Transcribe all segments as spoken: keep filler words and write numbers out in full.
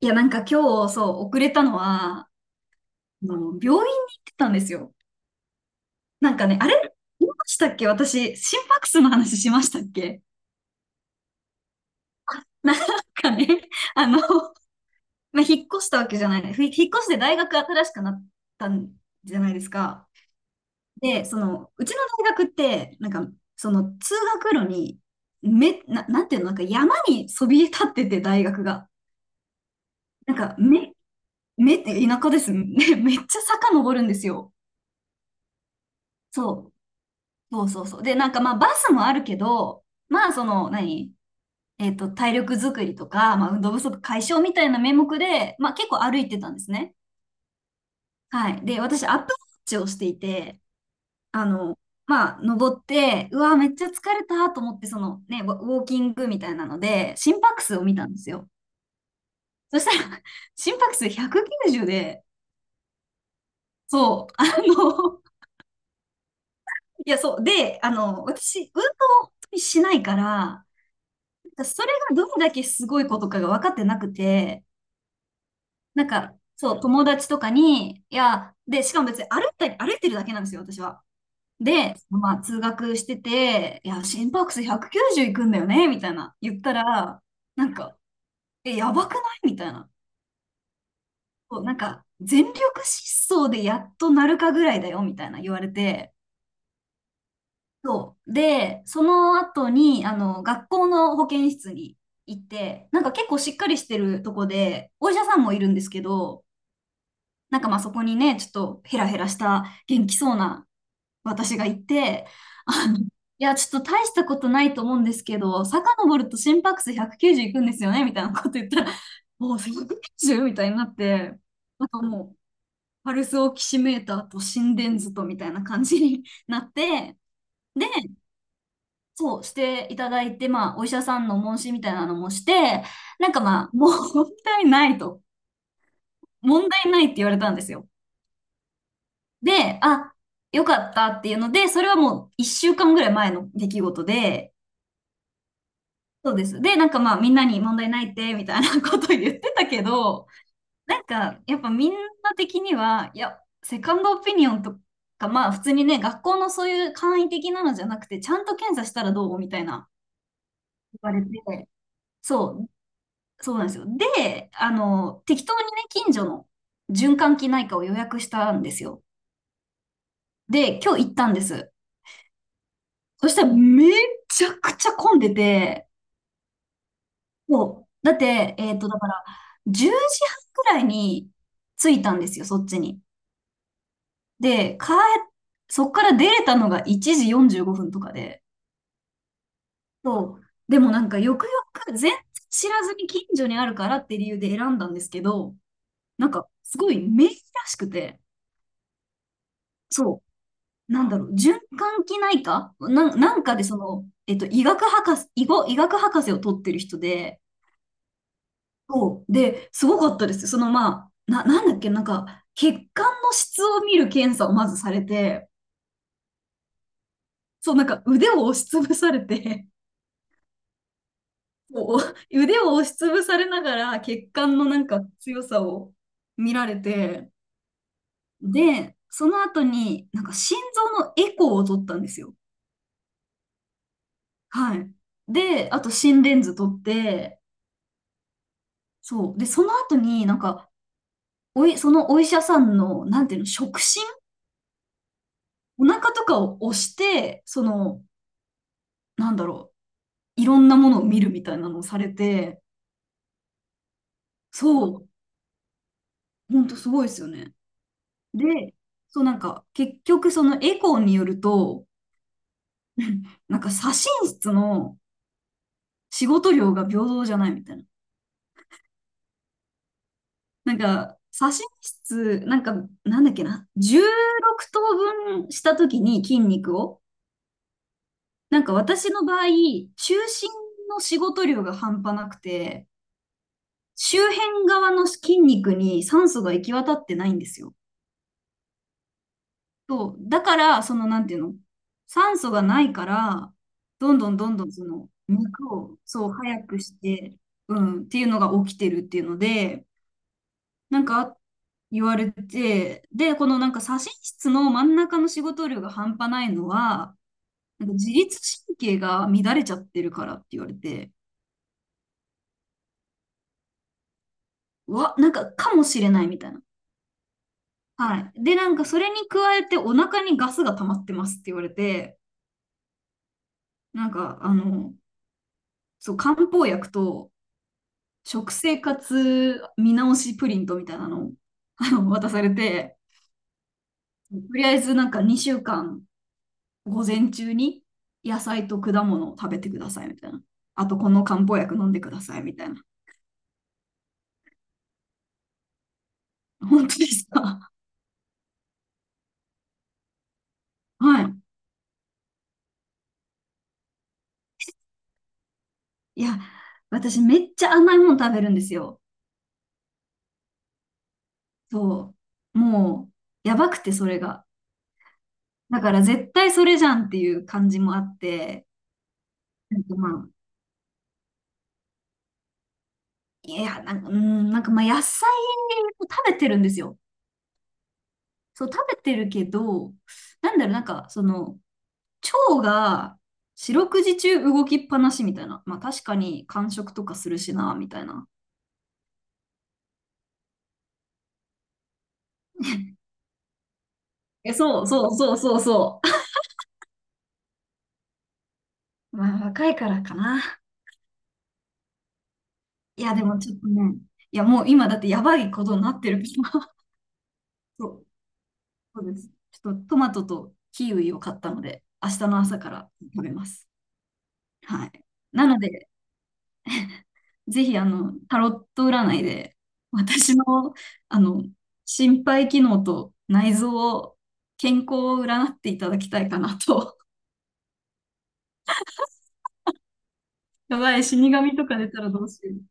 いや、なんか今日、そう、遅れたのは、あの、病院に行ってたんですよ。なんかね、あれ言いましたっけ私、心拍数の話しましたっけ？なんかね、あの、まあ、引っ越したわけじゃない。ふ引っ越して大学新しくなったんじゃないですか。で、その、うちの大学って、なんか、その、通学路に、め、な、なんていうの、なんか山にそびえ立ってて、大学が。なんか、め、め、田舎です。め、めっちゃ坂登るんですよ。そう。そうそうそう。で、なんかまあバスもあるけど、まあその、何えっと、体力づくりとか、まあ運動不足解消みたいな名目で、まあ結構歩いてたんですね。はい。で、私、アップウォッチをしていて、あの、まあ登って、うわ、めっちゃ疲れたと思って、そのね、ウォウォーキングみたいなので、心拍数を見たんですよ。そしたら、心拍数ひゃくきゅうじゅうで、そう、あの、いや、そう。で、あの、私、運動を本当にしないから、だそれがどれだけすごいことかが分かってなくて、なんか、そう、友達とかに、いや、で、しかも別に歩いたり、歩いてるだけなんですよ、私は。で、まあ、通学してて、いや、心拍数ひゃくきゅうじゅういくんだよね、みたいな、言ったら、なんか、え、やばくないみたいな。そう、なんか、全力疾走でやっとなるかぐらいだよ、みたいな言われて、そう。で、その後に、あの、学校の保健室に行って、なんか結構しっかりしてるとこで、お医者さんもいるんですけど、なんかまあそこにね、ちょっとヘラヘラした元気そうな私がいて、あの、いや、ちょっと大したことないと思うんですけど、遡ると心拍数ひゃくきゅうじゅういくんですよね、みたいなこと言ったら、おお、ひゃくきゅうじゅう？ みたいになって、なんかもう、パルスオキシメーターと心電図とみたいな感じになって、そう、していただいて、まあ、お医者さんの問診みたいなのもして、なんかまあ、もう問題ないと。問題ないって言われたんですよ。で、あ、よかったっていうので、それはもういっしゅうかんぐらい前の出来事で、そうです。で、なんかまあ、みんなに問題ないって、みたいなこと言ってたけど、なんか、やっぱみんな的には、いや、セカンドオピニオンとか、まあ、普通にね、学校のそういう簡易的なのじゃなくて、ちゃんと検査したらどうみたいな言われて、そう。そうなんですよ。で、あの、適当にね、近所の循環器内科を予約したんですよ。で、今日行ったんです。そしたらめちゃくちゃ混んでて、もう、だって、えっと、だから、じゅうじはんくらいに着いたんですよ、そっちに。で、帰、そっから出れたのがいちじよんじゅうごふんとかで、そう。でもなんか、よくよく全然知らずに近所にあるからって理由で選んだんですけど、なんか、すごい名医らしくて、そう。なんだろう、循環器内科なん、なんかでその、えっと、医学博士、医語、医学博士を取ってる人で、そう。で、すごかったです。その、まあ、な、なんだっけ、なんか、血管の質を見る検査をまずされて、そう、なんか腕を押しつぶされて、こう、腕を押しつぶされながら血管のなんか強さを見られて、で、その後に、なんか心臓のエコーを取ったんですよ。はい。で、あと心電図取って、そう。で、その後になんか、おい、そのお医者さんの、なんていうの、触診お腹とかを押して、その、なんだろう、いろんなものを見るみたいなのをされて、そう、ほんとすごいですよね。で、そうなんか、結局そのエコーによると、なんか左心室の仕事量が平等じゃないみたいな。なんか、左心室、なんか、なんだっけな、じゅうろく等分したときに筋肉を、なんか私の場合、中心の仕事量が半端なくて、周辺側の筋肉に酸素が行き渡ってないんですよ。そう、だから、その、なんていうの、酸素がないから、どんどんどんどんその肉を、そう、早くして、うん、っていうのが起きてるっていうので、なんか言われて、で、このなんか左心室の真ん中の仕事量が半端ないのは、なんか自律神経が乱れちゃってるからって言われて、わ、なんか、かもしれないみたいな。はい。で、なんか、それに加えて、お腹にガスが溜まってますって言われて、なんか、あの、そう、漢方薬と、食生活見直しプリントみたいなのを、あの、渡されて、とりあえず、なんか、にしゅうかん、午前中に、野菜と果物を食べてください、みたいな。あと、この漢方薬飲んでください、みたいな。本当ですか？ はい。いや、私、めっちゃ甘いもの食べるんですよ。そう。もう、やばくて、それが。だから、絶対それじゃんっていう感じもあって、なんかまあ、いや、なんか、うん、なんかまあ、野菜を食べてるんですよ。そう、食べてるけど、なんだろう、なんか、その、腸が四六時中動きっぱなしみたいな。まあ、確かに、間食とかするしな、みたいな。え、そうそうそうそうそう。まあ、若いからかな。いや、でもちょっとね、いや、もう今だってやばいことになってるから。そうそうです。ちょっとトマトとキウイを買ったので、明日の朝から食べます。はい。なので、ぜひ、あの、タロット占いで、私の、あの、心肺機能と内臓を、健康を占っていただきたいかなと。やばい、死神とか出たらどうしよう。い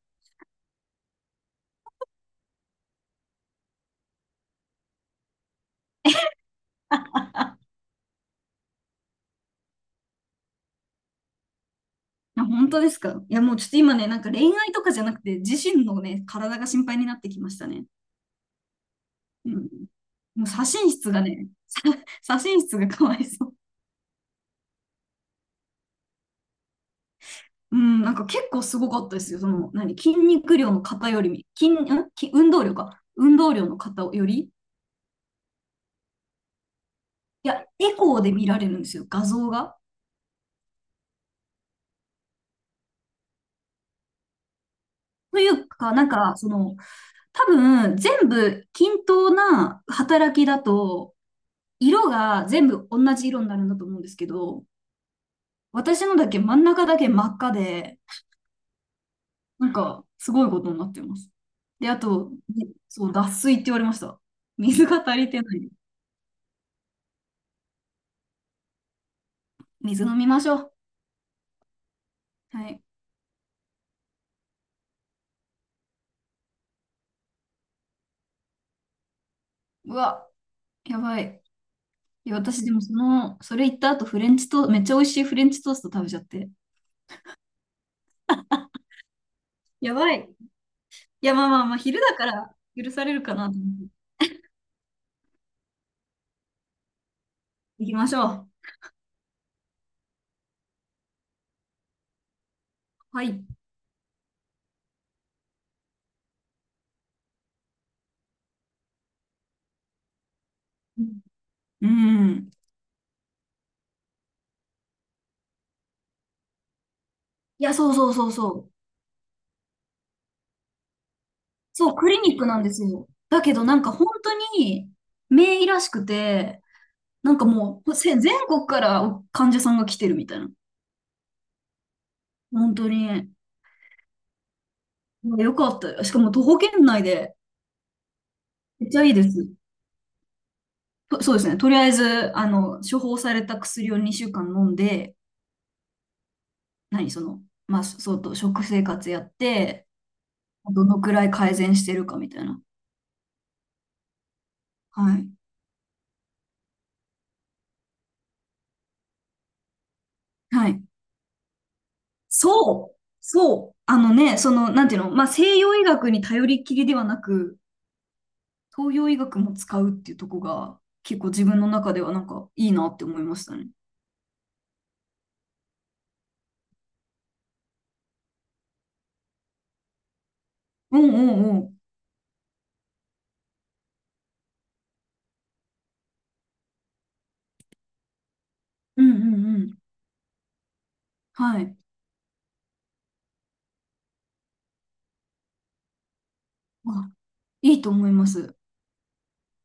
や本当ですか？いや、もうちょっと今ね、なんか恋愛とかじゃなくて、自身のね、体が心配になってきましたね。うん。もう左心室がね、左心室がかわいそう。うん、なんか結構すごかったですよ。その、何、筋肉量の方よりみ、筋、んき運動量か。運動量の方より、いや、エコーで見られるんですよ、画像が。というか、なんか、その、多分、全部均等な働きだと、色が全部同じ色になるんだと思うんですけど、私のだけ真ん中だけ真っ赤で、なんか、すごいことになってます。で、あと、ねそう、脱水って言われました。水が足りてない。水飲みましょう。はい。うわ。やばい。いや、私でもその、それ言った後、フレンチトー、めっちゃ美味しいフレンチトースト食べちゃって。やばい。いや、まあまあまあ、昼だから許されるかなと思って。行きましょう。はい。うん。いや、そうそうそうそう。そう、クリニックなんですよ。だけど、なんか本当に、名医らしくて、なんかもう、せ全国から患者さんが来てるみたいな。本当に。よかったよ。しかも徒歩圏内で、めっちゃいいです。とそうですね。とりあえず、あの、処方された薬をにしゅうかん飲んで、何、その、まあ、そうと、食生活やって、どのくらい改善してるかみたいな。はい。はい。そう。そう。あのね、その、なんていうの、まあ、西洋医学に頼りきりではなく、東洋医学も使うっていうとこが、結構自分の中ではなんかいいなって思いましたね。うんうんうん。うんうんうん。はい。あ、いいと思います。